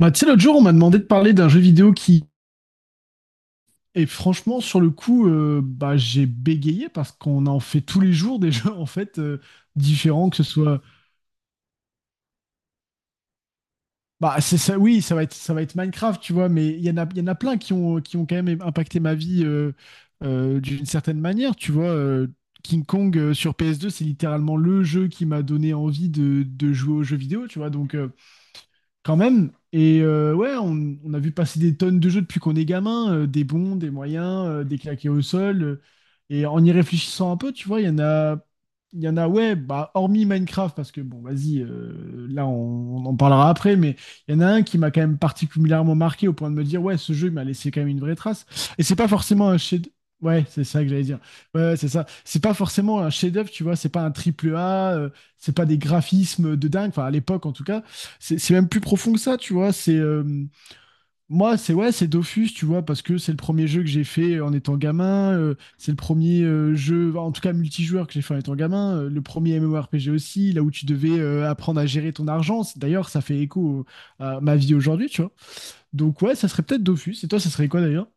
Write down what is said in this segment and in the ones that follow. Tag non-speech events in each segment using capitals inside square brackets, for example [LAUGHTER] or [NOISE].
Bah, tu sais, l'autre jour, on m'a demandé de parler d'un jeu vidéo qui et franchement, sur le coup, bah, j'ai bégayé parce qu'on en fait tous les jours des [LAUGHS] jeux en fait différents, que ce soit. Bah, c'est ça, oui, ça va être Minecraft, tu vois, mais il y en a plein qui ont quand même impacté ma vie d'une certaine manière, tu vois. King Kong sur PS2, c'est littéralement le jeu qui m'a donné envie de jouer aux jeux vidéo, tu vois. Donc, quand même. Et ouais, on a vu passer des tonnes de jeux depuis qu'on est gamin, des bons, des moyens, des claqués au sol. Et en y réfléchissant un peu, tu vois, il y en a, il y en a, ouais, bah, hormis Minecraft, parce que bon, vas-y, là, on en parlera après, mais il y en a un qui m'a quand même particulièrement marqué au point de me dire, ouais, ce jeu, il m'a laissé quand même une vraie trace. Et c'est pas forcément un chef. Ouais, c'est ça que j'allais dire. Ouais, ouais, c'est ça. C'est pas forcément un chef-d'œuvre, tu vois, c'est pas un triple A, c'est pas des graphismes de dingue, enfin, à l'époque, en tout cas c'est même plus profond que ça, tu vois. C'est Moi, c'est ouais, c'est Dofus, tu vois, parce que c'est le premier jeu que j'ai fait en étant gamin. C'est le premier jeu, enfin, en tout cas multijoueur que j'ai fait en étant gamin. Le premier MMORPG aussi, là où tu devais apprendre à gérer ton argent. D'ailleurs, ça fait écho à ma vie aujourd'hui, tu vois. Donc ouais, ça serait peut-être Dofus. Et toi, ça serait quoi d'ailleurs?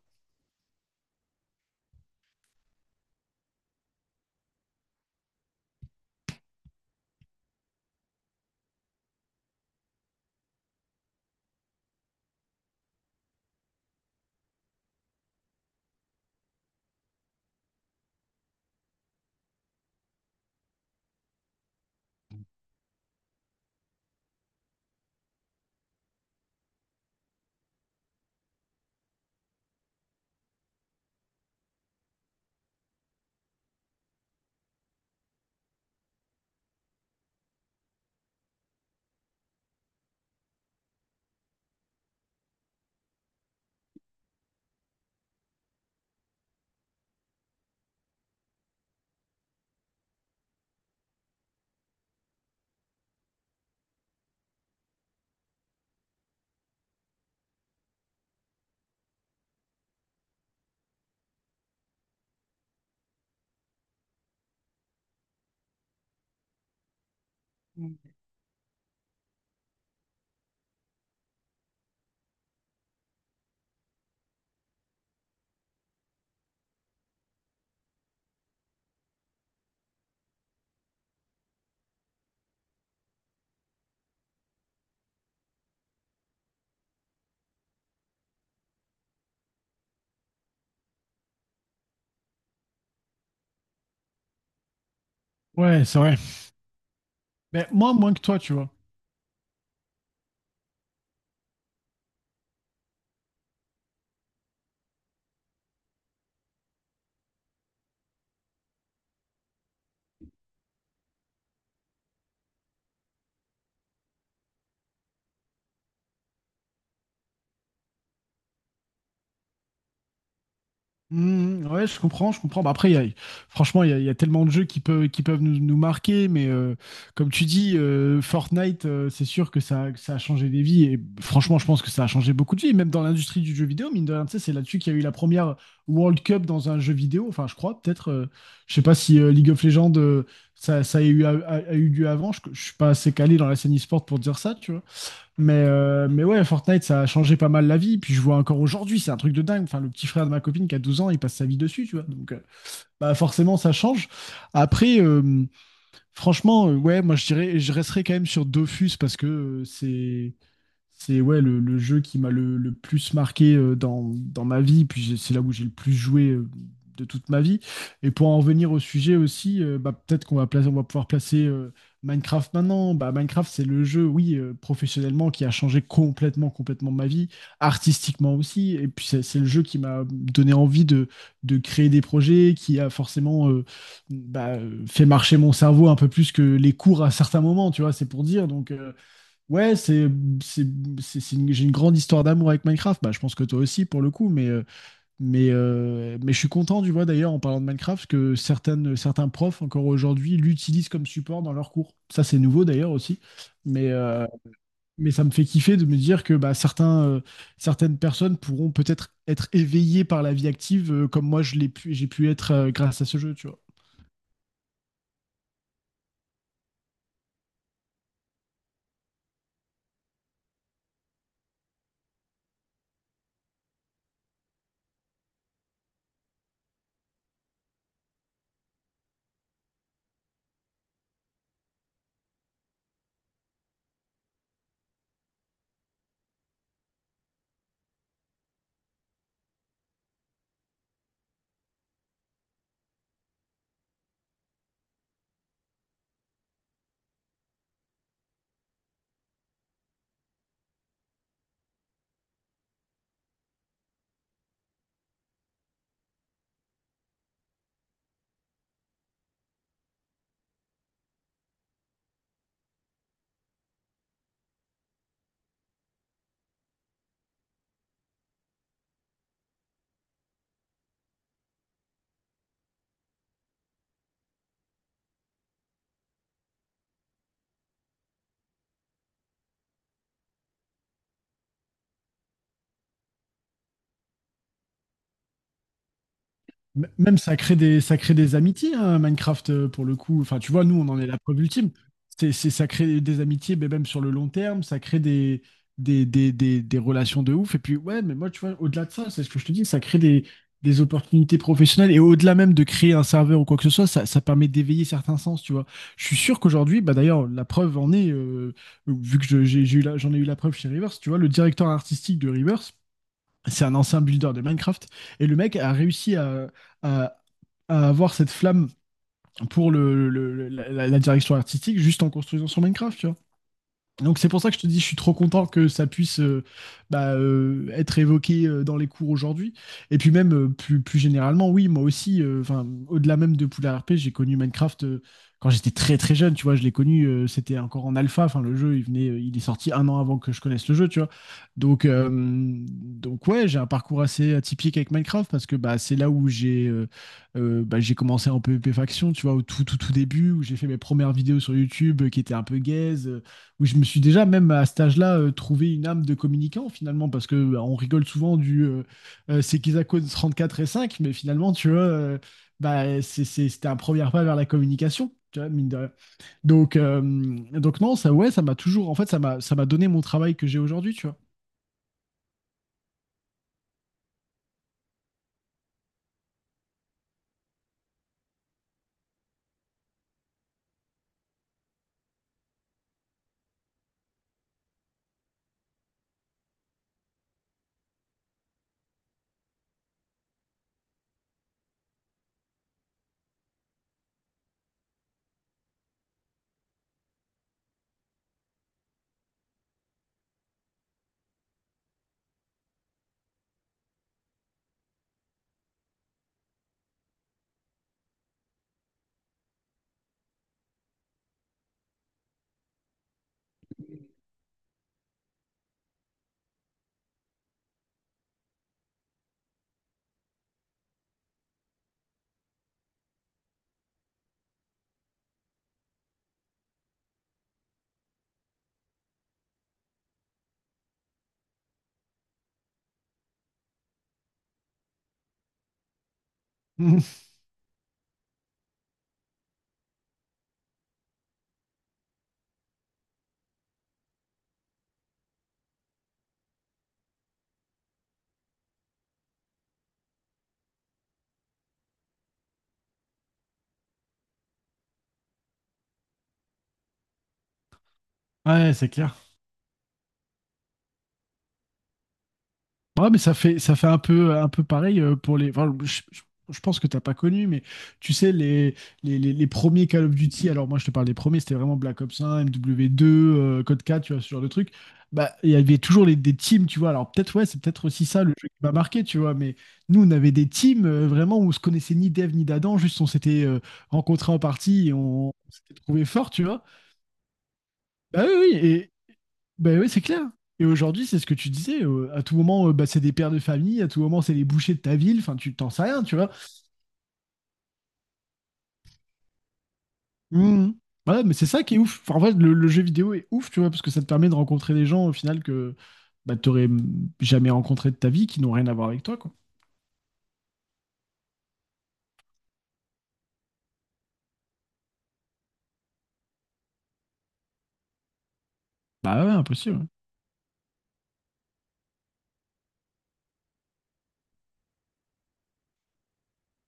Ouais, c'est vrai. Mais moi, moins que toi, tu vois. Mhm, ouais, je comprends, je comprends. Bah, après, franchement, il y a tellement de jeux qui peuvent nous marquer, mais comme tu dis, Fortnite, c'est sûr que que ça a changé des vies. Et franchement, je pense que ça a changé beaucoup de vies, même dans l'industrie du jeu vidéo. Mine de rien, tu sais, c'est là-dessus qu'il y a eu la première World Cup dans un jeu vidéo. Enfin, je crois, peut-être. Je sais pas si League of Legends, ça a eu, a eu lieu avant. Je suis pas assez calé dans la scène e-sport pour dire ça, tu vois. Mais ouais, Fortnite, ça a changé pas mal la vie. Puis je vois encore aujourd'hui, c'est un truc de dingue. Enfin, le petit frère de ma copine qui a 12 ans, il passe sa vie dessus, tu vois. Donc, bah forcément, ça change. Après, franchement, ouais, moi, je dirais, je resterai quand même sur Dofus parce que c'est ouais, le jeu qui m'a le plus marqué dans ma vie, puis c'est là où j'ai le plus joué de toute ma vie. Et pour en revenir au sujet aussi, bah, peut-être qu'on va pouvoir placer Minecraft maintenant. Bah, Minecraft, c'est le jeu, oui, professionnellement, qui a changé complètement, complètement ma vie, artistiquement aussi. Et puis c'est le jeu qui m'a donné envie de créer des projets, qui a forcément fait marcher mon cerveau un peu plus que les cours à certains moments, tu vois, c'est pour dire. Donc. Ouais, c'est, j'ai une grande histoire d'amour avec Minecraft. Bah, je pense que toi aussi pour le coup, mais je suis content, tu vois, d'ailleurs, en parlant de Minecraft, que certains profs encore aujourd'hui l'utilisent comme support dans leurs cours. Ça, c'est nouveau d'ailleurs aussi. Mais, euh, mais ça me fait kiffer de me dire que bah, certaines personnes pourront peut-être être éveillées par la vie active, comme moi je l'ai pu, j'ai pu être grâce à ce jeu, tu vois. Même ça crée des amitiés, hein, Minecraft, pour le coup. Enfin, tu vois, nous, on en est la preuve ultime. Ça crée des amitiés, mais même sur le long terme, ça crée des relations de ouf. Et puis, ouais, mais moi, tu vois, au-delà de ça, c'est ce que je te dis, ça crée des opportunités professionnelles. Et au-delà même de créer un serveur ou quoi que ce soit, ça permet d'éveiller certains sens, tu vois. Je suis sûr qu'aujourd'hui, bah d'ailleurs, la preuve en est, vu que j'en ai eu la preuve chez Rivers, tu vois, le directeur artistique de Rivers, c'est un ancien builder de Minecraft. Et le mec a réussi à, à avoir cette flamme pour la direction artistique juste en construisant sur Minecraft, tu vois. Donc c'est pour ça que je te dis, je suis trop content que ça puisse être évoqué dans les cours aujourd'hui. Et puis même plus généralement, oui, moi aussi, enfin, au-delà même de Poudlard r p j'ai connu Minecraft quand j'étais très très jeune, tu vois, je l'ai connu, c'était encore en alpha, enfin le jeu, il est sorti un an avant que je connaisse le jeu, tu vois. Donc, euh, donc ouais, j'ai un parcours assez atypique avec Minecraft parce que bah, c'est là où j'ai bah, j'ai commencé en PvP faction, tu vois, au tout tout tout début, où j'ai fait mes premières vidéos sur YouTube qui étaient un peu gaze. Où je me suis déjà, même à cet âge-là, trouvé une âme de communicant, finalement, parce que bah, on rigole souvent du c'est qu'ils à cause 34 et 5, mais finalement, tu vois, bah, c'était un premier pas vers la communication, tu vois, mine de rien. Donc, euh, donc non, ça, ouais, ça m'a toujours, en fait, ça m'a donné mon travail que j'ai aujourd'hui, tu vois. [LAUGHS] Ouais, c'est clair. Ouais, mais ça fait un peu pareil pour les. Enfin, je pense que t'as pas connu, mais tu sais, les premiers Call of Duty, alors moi je te parle des premiers, c'était vraiment Black Ops 1, MW2, Code 4, tu vois, ce genre de truc. Bah, il y avait toujours des teams, tu vois. Alors peut-être, ouais, c'est peut-être aussi ça le jeu qui m'a marqué, tu vois, mais nous, on avait des teams vraiment où on se connaissait ni d'Eve ni d'Adam, juste on s'était rencontrés en partie et on s'était trouvés forts, tu vois. Bah oui, oui, ben oui, c'est clair. Et aujourd'hui, c'est ce que tu disais. À tout moment, bah, c'est des pères de famille. À tout moment, c'est les bouchers de ta ville. Enfin, tu t'en sais rien, tu vois. Mhm. Voilà, mais c'est ça qui est ouf. Enfin, en vrai, le jeu vidéo est ouf, tu vois, parce que ça te permet de rencontrer des gens au final que bah, t'aurais jamais rencontré de ta vie, qui n'ont rien à voir avec toi, quoi. Bah ouais, impossible.